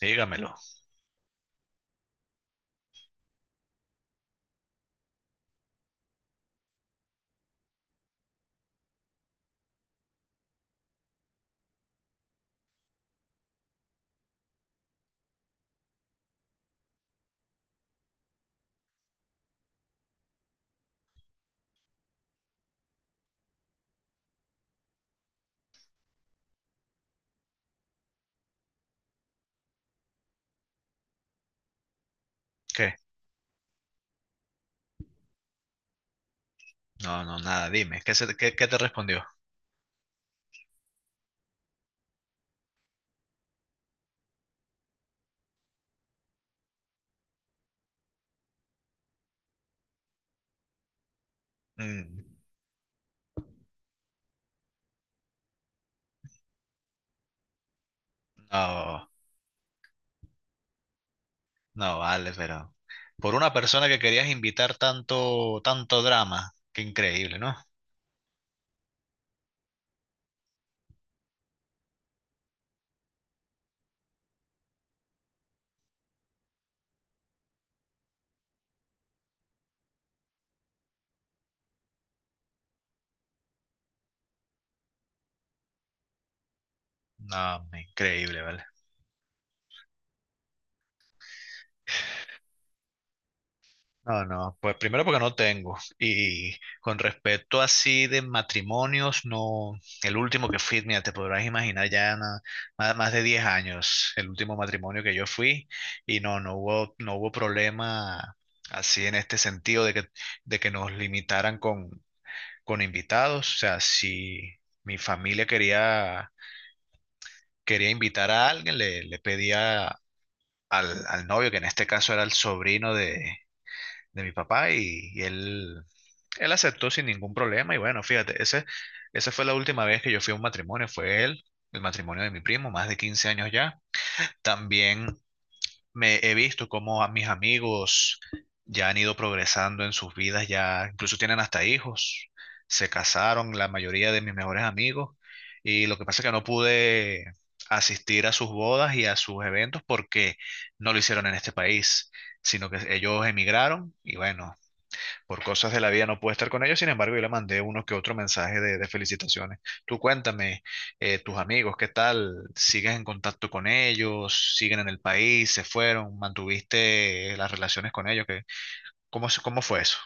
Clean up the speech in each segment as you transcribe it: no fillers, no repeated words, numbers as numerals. Dígamelo. ¿Qué? No, no, nada, dime. ¿Qué, qué te respondió? Mm, no, no vale, pero por una persona que querías invitar, tanto, tanto drama, qué increíble, ¿no? No, increíble, ¿vale? No, no, pues primero porque no tengo. Y con respecto así de matrimonios, no, el último que fui, mira, te podrás imaginar ya más, más de 10 años, el último matrimonio que yo fui, y no, no hubo problema así en este sentido de que nos limitaran con invitados. O sea, si mi familia quería invitar a alguien, le pedía al novio, que en este caso era el sobrino de mi papá y, él aceptó sin ningún problema. Y bueno, fíjate, esa fue la última vez que yo fui a un matrimonio, el matrimonio de mi primo, más de 15 años ya. También me he visto cómo a mis amigos ya han ido progresando en sus vidas, ya incluso tienen hasta hijos, se casaron, la mayoría de mis mejores amigos. Y lo que pasa es que no pude asistir a sus bodas y a sus eventos porque no lo hicieron en este país, sino que ellos emigraron y bueno, por cosas de la vida no pude estar con ellos. Sin embargo, yo le mandé uno que otro mensaje de felicitaciones. Tú cuéntame, tus amigos, ¿qué tal? ¿Sigues en contacto con ellos? ¿Siguen en el país? ¿Se fueron? ¿Mantuviste las relaciones con ellos? Cómo fue eso?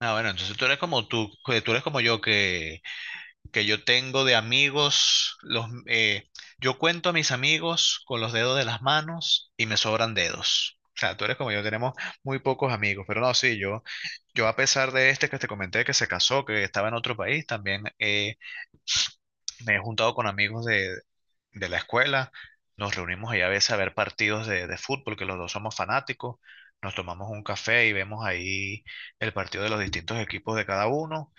Ah, bueno, entonces tú eres como yo, que yo tengo de amigos, yo cuento a mis amigos con los dedos de las manos y me sobran dedos. O sea, tú eres como yo, tenemos muy pocos amigos, pero no, sí, yo, a pesar de este que te comenté que se casó, que estaba en otro país, también me he juntado con amigos de la escuela, nos reunimos ahí a veces a ver partidos de fútbol, que los dos somos fanáticos, nos tomamos un café y vemos ahí el partido de los distintos equipos de cada uno,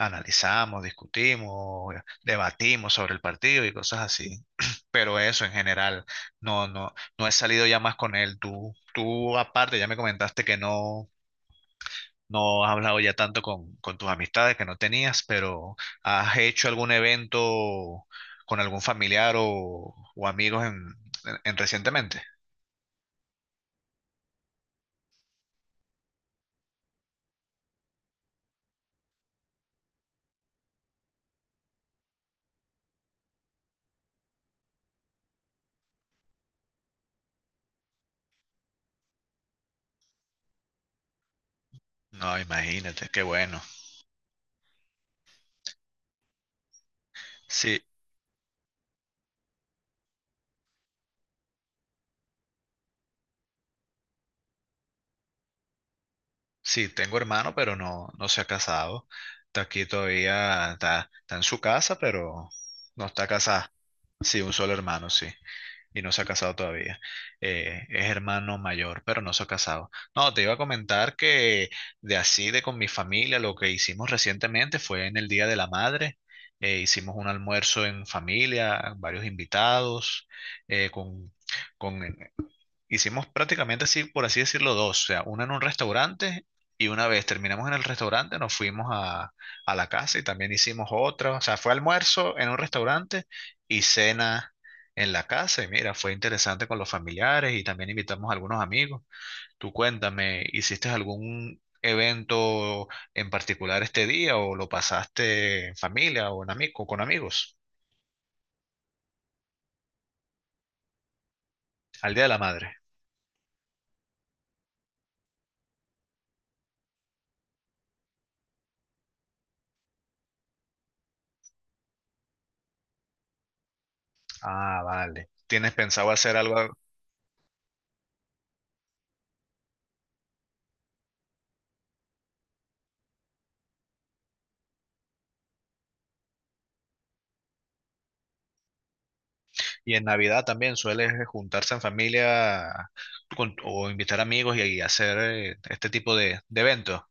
analizamos, discutimos, debatimos sobre el partido y cosas así. Pero eso en general, no, no, no he salido ya más con él. Tú aparte, ya me comentaste que no, no has hablado ya tanto con tus amistades que no tenías, pero ¿has hecho algún evento con algún familiar o amigos en recientemente? No, imagínate, qué bueno. Sí, sí, tengo hermano, pero no, no se ha casado. Está aquí todavía, está en su casa, pero no está casada. Sí, un solo hermano, sí. Y no se ha casado todavía. Es hermano mayor, pero no se ha casado. No, te iba a comentar que de así, de con mi familia, lo que hicimos recientemente fue en el Día de la Madre. Hicimos un almuerzo en familia, varios invitados, eh, con, con hicimos prácticamente así, por así decirlo, dos, o sea, una en un restaurante, y una vez terminamos en el restaurante nos fuimos a la casa y también hicimos otra. O sea, fue almuerzo en un restaurante y cena en la casa, y mira, fue interesante con los familiares y también invitamos a algunos amigos. Tú cuéntame, ¿hiciste algún evento en particular este día, o lo pasaste en familia o en o con amigos? Al Día de la Madre. Ah, vale. ¿Tienes pensado hacer algo? Y en Navidad también suele juntarse en familia o invitar amigos y hacer este tipo de eventos.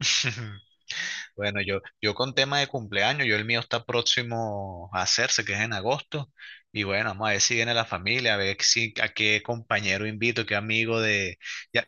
Bueno, yo con tema de cumpleaños, yo el mío está próximo a hacerse, que es en agosto. Y bueno, vamos a ver si viene la familia, a ver si, a qué compañero invito, qué amigo de... ya-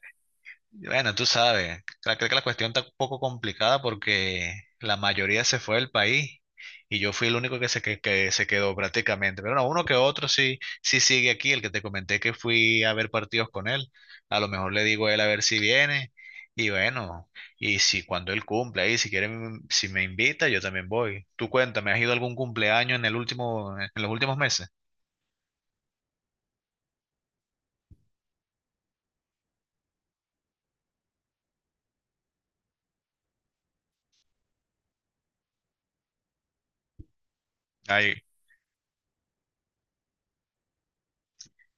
Bueno, tú sabes, creo que la cuestión está un poco complicada porque la mayoría se fue del país y yo fui el único que se quedó prácticamente. Pero no, uno que otro sí, sí sigue aquí, el que te comenté que fui a ver partidos con él. A lo mejor le digo a él a ver si viene, y bueno, y si cuando él cumple ahí, si quiere, mm, si me invita, yo también voy. Tú cuéntame, ¿has ido a algún cumpleaños en el último, en los últimos meses? Ay,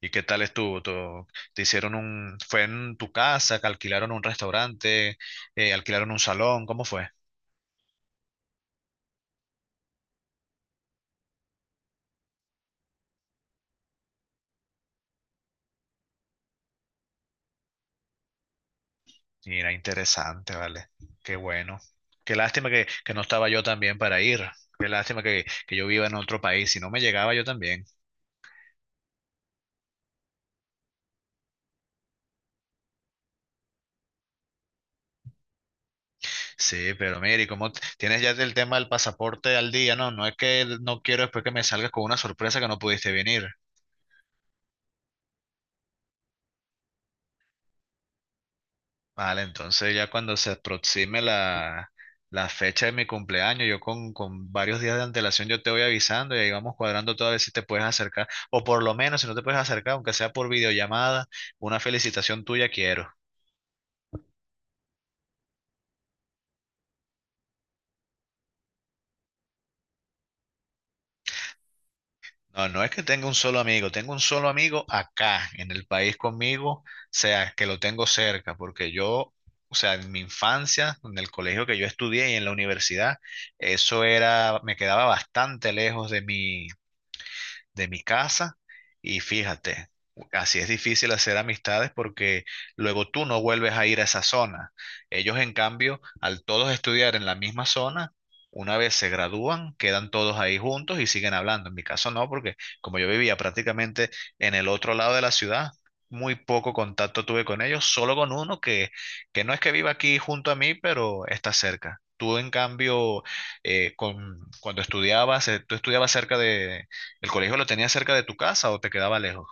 ¿y qué tal estuvo? ¿Tú- ¿te hicieron un... ¿fue en tu casa? ¿Que alquilaron un restaurante? ¿Alquilaron un salón? ¿Cómo fue? Mira, interesante, vale. Qué bueno. Qué lástima que no estaba yo también para ir. Qué lástima que yo viva en otro país. Si no, me llegaba yo también. Sí, pero mira, ¿y cómo tienes ya el tema del pasaporte al día? No, no es que no quiero después que me salgas con una sorpresa que no pudiste venir. Vale, entonces ya cuando se aproxime la fecha de mi cumpleaños, yo con varios días de antelación yo te voy avisando, y ahí vamos cuadrando todo a ver si te puedes acercar, o por lo menos si no te puedes acercar, aunque sea por videollamada, una felicitación tuya quiero. No, no es que tenga un solo amigo, tengo un solo amigo acá en el país conmigo, o sea, que lo tengo cerca, porque yo, o sea, en mi infancia, en el colegio que yo estudié y en la universidad, eso era, me quedaba bastante lejos de mi casa, y fíjate, así es difícil hacer amistades porque luego tú no vuelves a ir a esa zona. Ellos, en cambio, al todos estudiar en la misma zona, una vez se gradúan, quedan todos ahí juntos y siguen hablando. En mi caso no, porque como yo vivía prácticamente en el otro lado de la ciudad, muy poco contacto tuve con ellos, solo con uno que no es que viva aquí junto a mí, pero está cerca. Tú, en cambio, cuando estudiabas, tú estudiabas cerca de, ¿el colegio lo tenías cerca de tu casa o te quedaba lejos?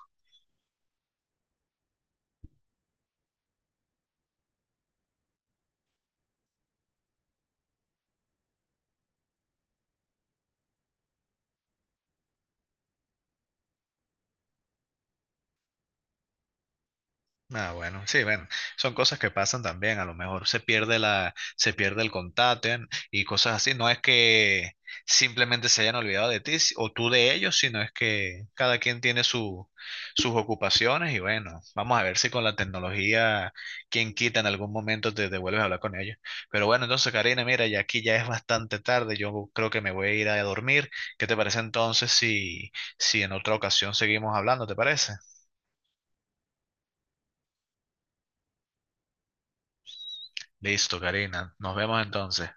Ah, bueno, sí, bueno, son cosas que pasan también, a lo mejor se pierde se pierde el contacto y cosas así, no es que simplemente se hayan olvidado de ti o tú de ellos, sino es que cada quien tiene sus ocupaciones, y bueno, vamos a ver si con la tecnología, quien quita en algún momento te vuelves a hablar con ellos. Pero bueno, entonces Karina, mira, ya aquí ya es bastante tarde, yo creo que me voy a ir a dormir. ¿Qué te parece entonces si, si en otra ocasión seguimos hablando, te parece? Listo, Karina. Nos vemos entonces.